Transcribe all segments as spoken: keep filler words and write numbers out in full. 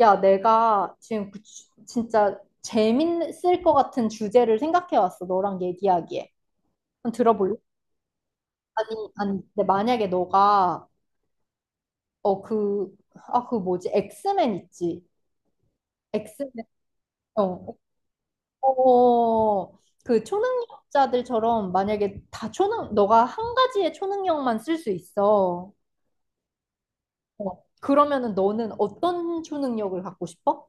야, 내가 지금 그 주- 진짜 재밌을 것 같은 주제를 생각해 왔어. 너랑 얘기하기에. 한번 들어볼래? 아니, 아니, 근데 만약에 너가, 어, 그, 아, 그 뭐지? 엑스맨 있지? 엑스맨, 어, 어, 그 초능력자들처럼 만약에 다 초능, 너가 한 가지의 초능력만 쓸 수 있어. 어, 그러면은 너는 어떤 초능력을 갖고 싶어?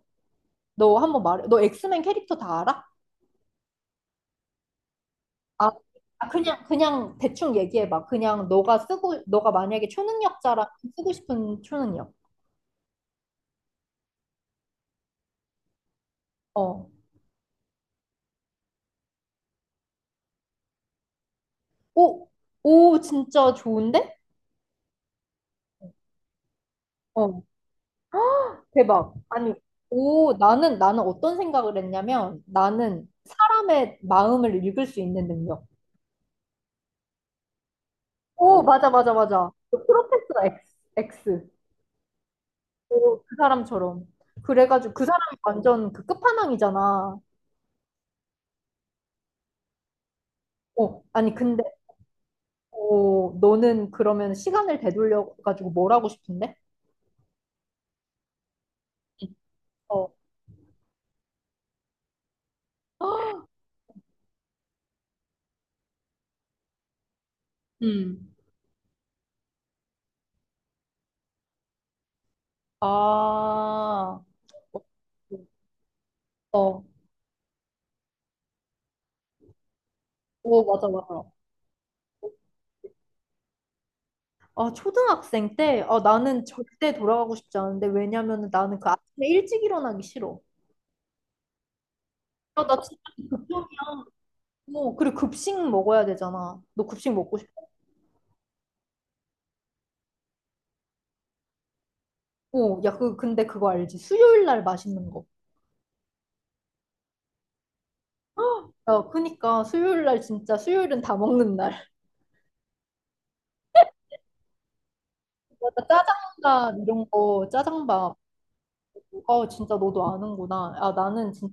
너 한번 말해. 너 엑스맨 캐릭터 다 알아? 아, 아, 그냥, 그냥 대충 얘기해봐. 그냥 너가 쓰고, 너가 만약에 초능력자라면 쓰고 싶은 초능력. 어. 오, 오, 진짜 좋은데? 어, 대박. 아니, 오, 나는, 나는 어떤 생각을 했냐면, 나는 사람의 마음을 읽을 수 있는 능력. 오, 맞아, 맞아, 맞아. 그 프로페서 X, X. 오, 그 사람처럼. 그래가지고 그 사람이 완전 그 끝판왕이잖아. 어, 아니, 근데 어, 너는 그러면 시간을 되돌려 가지고 뭘 하고 싶은데? 어, 음. 아, 어, 오, 맞아, 맞아. 아, 초등학생 때, 아, 나는 절대 돌아가고 싶지 않은데, 왜냐면은 나는 그 아침에 일찍 일어나기 싫어. 아, 나 진짜, 어, 그리고 급식 먹어야 되잖아. 너 급식 먹고 싶어? 어, 야, 그, 근데 그거 알지? 수요일 날 맛있는 거. 야, 그니까, 수요일 날 진짜, 수요일은 다 먹는 날. 맞아, 짜장밥, 이런 거, 짜장밥. 어, 진짜 너도 아는구나. 아, 나는 진,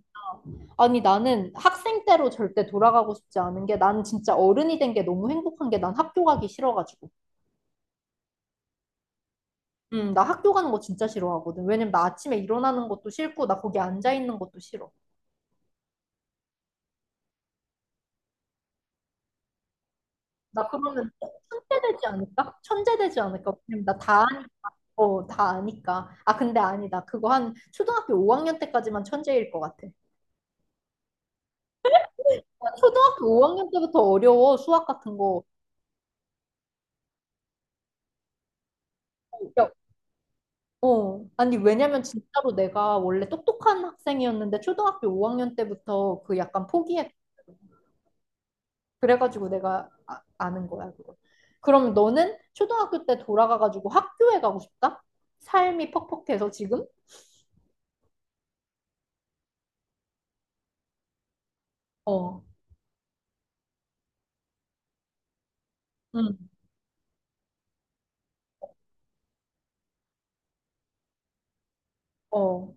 아니, 나는 학생 때로 절대 돌아가고 싶지 않은 게, 나는 진짜 어른이 된 게 너무 행복한 게, 난 학교 가기 싫어가지고. 음, 나 학교 가는 거 진짜 싫어하거든. 왜냐면 나 아침에 일어나는 것도 싫고, 나 거기 앉아 있는 것도 싫어. 나 그러면 천재 되지 않을까? 천재 되지 않을까? 왜냐면 나 다 아니까. 어, 다 아니까. 아, 근데 아니다. 그거 한 초등학교 오 학년 때까지만 천재일 것 같아. 야, 초등학교 오 학년 때부터 어려워, 수학 같은 거. 어, 아니, 왜냐면 진짜로 내가 원래 똑똑한 학생이었는데 초등학교 오 학년 때부터 그 약간 포기해. 그래가지고 내가 아, 아는 거야, 그거. 그럼 너는 초등학교 때 돌아가가지고 학교에 가고 싶다? 삶이 퍽퍽해서 지금? 어, 응, 어.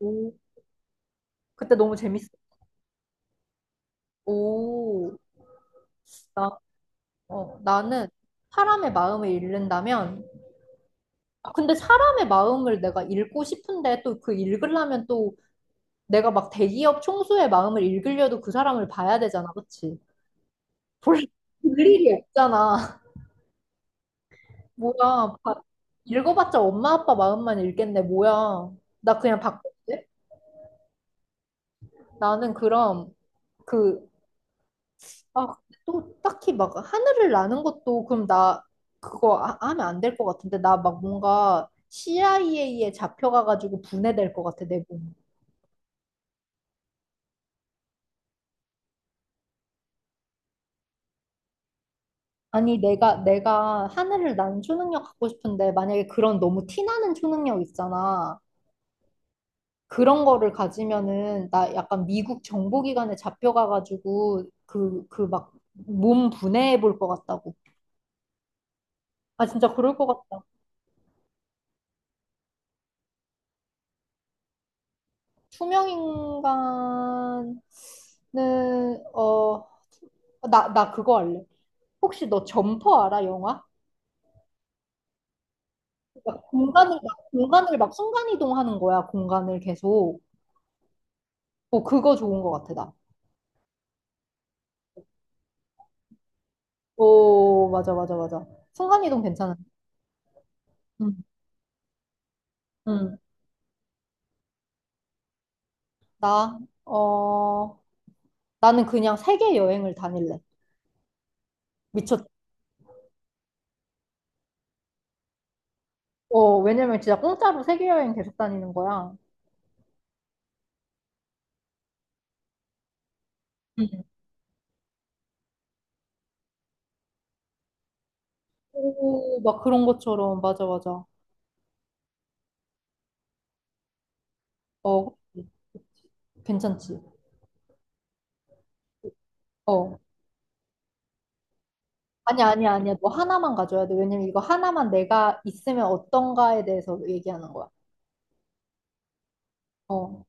오, 그때 너무 재밌어. 오, 나, 어, 나는 사람의 마음을 읽는다면, 아, 근데 사람의 마음을 내가 읽고 싶은데 또 그 읽으려면 또 내가 막 대기업 총수의 마음을 읽으려도 그 사람을 봐야 되잖아, 그치? 볼, 볼 일이 없잖아. 뭐야, 봐- 읽어봤자 엄마 아빠 마음만 읽겠네, 뭐야. 나 그냥 바꿀게. 나는 그럼 그, 아, 근데 또 딱히 막 하늘을 나는 것도 그럼 나 그거 아- 하면 안 될 것 같은데. 나 막 뭔가 씨아이에이에 잡혀가가지고 분해될 것 같아, 내 몸. 아니 내가 내가 하늘을 나는 초능력 갖고 싶은데 만약에 그런 너무 티나는 초능력 있잖아. 그런 거를 가지면은 나 약간 미국 정보기관에 잡혀가가지고 그, 그 막 몸 분해해 볼 것 같다고. 아, 진짜 그럴 것 같다. 투명인간은, 어, 나, 나 그거 알래. 혹시 너 점퍼 알아, 영화? 막 공간을 막, 공간을 막 순간이동하는 거야, 공간을 계속. 어, 그거 좋은 것 같아, 나. 오, 맞아, 맞아, 맞아. 순간이동 괜찮아. 응, 응. 나, 어, 나는 그냥 세계 여행을 다닐래. 미쳤, 어, 왜냐면 진짜 공짜로 세계 여행 계속 다니는 거야. 응. 오, 막 그런 것처럼, 맞아, 맞아. 어, 그치, 그치. 괜찮지. 어. 아니, 아니, 아니야. 너 하나만 가져야 돼. 왜냐면 이거 하나만 내가 있으면 어떤가에 대해서 얘기하는 거야. 어.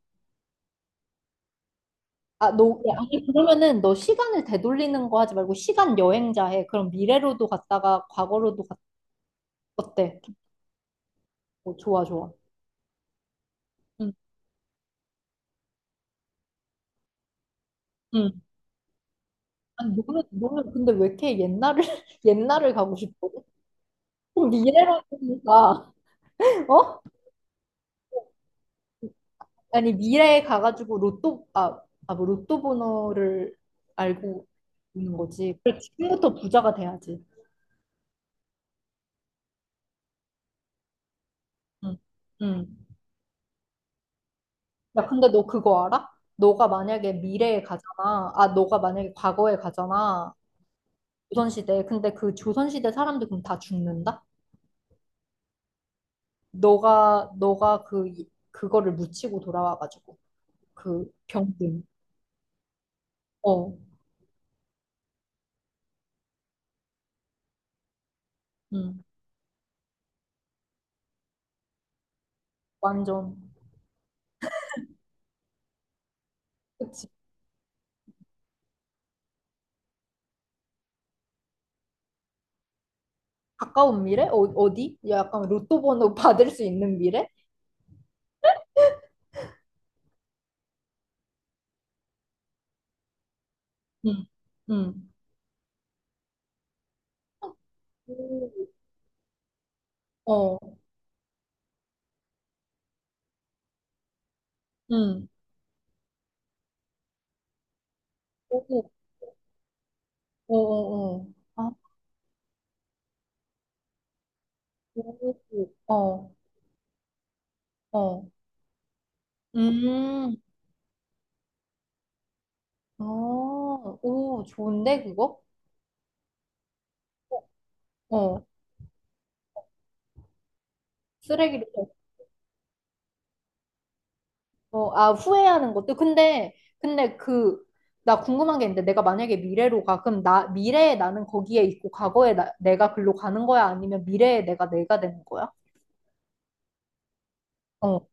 아, 너, 야, 아니, 그러면은 너 시간을 되돌리는 거 하지 말고 시간 여행자 해. 그럼 미래로도 갔다가 과거로도 갔, 어때? 어, 좋아, 좋아. 응. 응. 아니, 너는, 너는 근데 왜 이렇게 옛날을, 옛날을 가고 싶어? 미래로 보니까 어? 아니 미래에 가가지고 로또 아, 아, 뭐 로또 번호를 알고 있는 거지. 그래 지금부터 부자가 돼야지. 응. 응. 야 근데 너 그거 알아? 너가 만약에 미래에 가잖아. 아 너가 만약에 과거에 가잖아. 조선시대. 근데 그 조선시대 사람들 그럼 다 죽는다? 너가 너가 그 이- 그거를 묻히고 돌아와가지고 그 병든. 어. 응. 완전. 그치? 가까운 미래? 어, 어디? 약간 로또 번호 받을 수 있는 미래? 응, 응, 오. 어, 응. 오, 어, 어, 어. 아, 오, 어, 어. 음, 아, 오, 좋은데, 그거? 어, 쓰레기를, 어, 아, 후회하는 것도. 근데, 근데 그, 나 궁금한 게 있는데, 내가 만약에 미래로 가, 그럼 나, 미래에 나는 거기에 있고, 과거에 나, 내가 글로 가는 거야? 아니면 미래에 내가 내가 되는 거야? 어,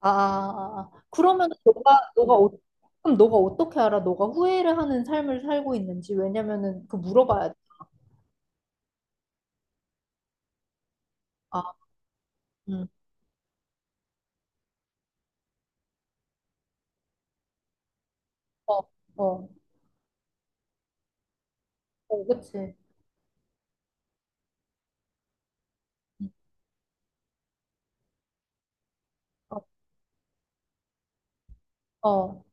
아, 아, 아. 아. 그러면 너가, 너가, 어- 그럼 너가 어떻게 알아? 너가 후회를 하는 삶을 살고 있는지. 왜냐면은 그 물어봐야 돼. 아, 음. 어, 어, 어, 그치. 음, 어, 어,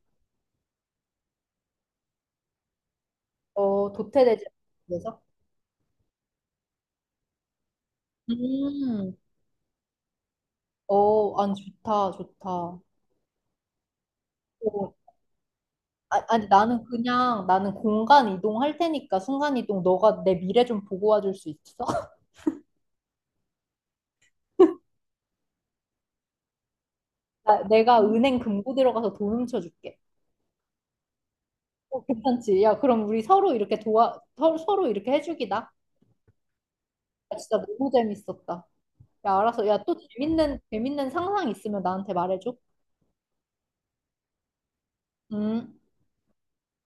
어, 도태되지 않아서? 음, 어, 아니, 좋다, 좋다. 어, 아, 아니, 나는 그냥, 나는 공간 이동할 테니까 순간 이동, 너가 내 미래 좀 보고 와줄 수 있어? 나, 내가 은행 금고 들어가서 돈 훔쳐줄게. 어, 괜찮지? 야, 그럼 우리 서로 이렇게 도와, 서, 서로 이렇게 해주기다. 야, 진짜 너무 재밌었다. 야, 알았어. 야, 또 재밌는, 재밌는 상상 있으면 나한테 말해줘. 음.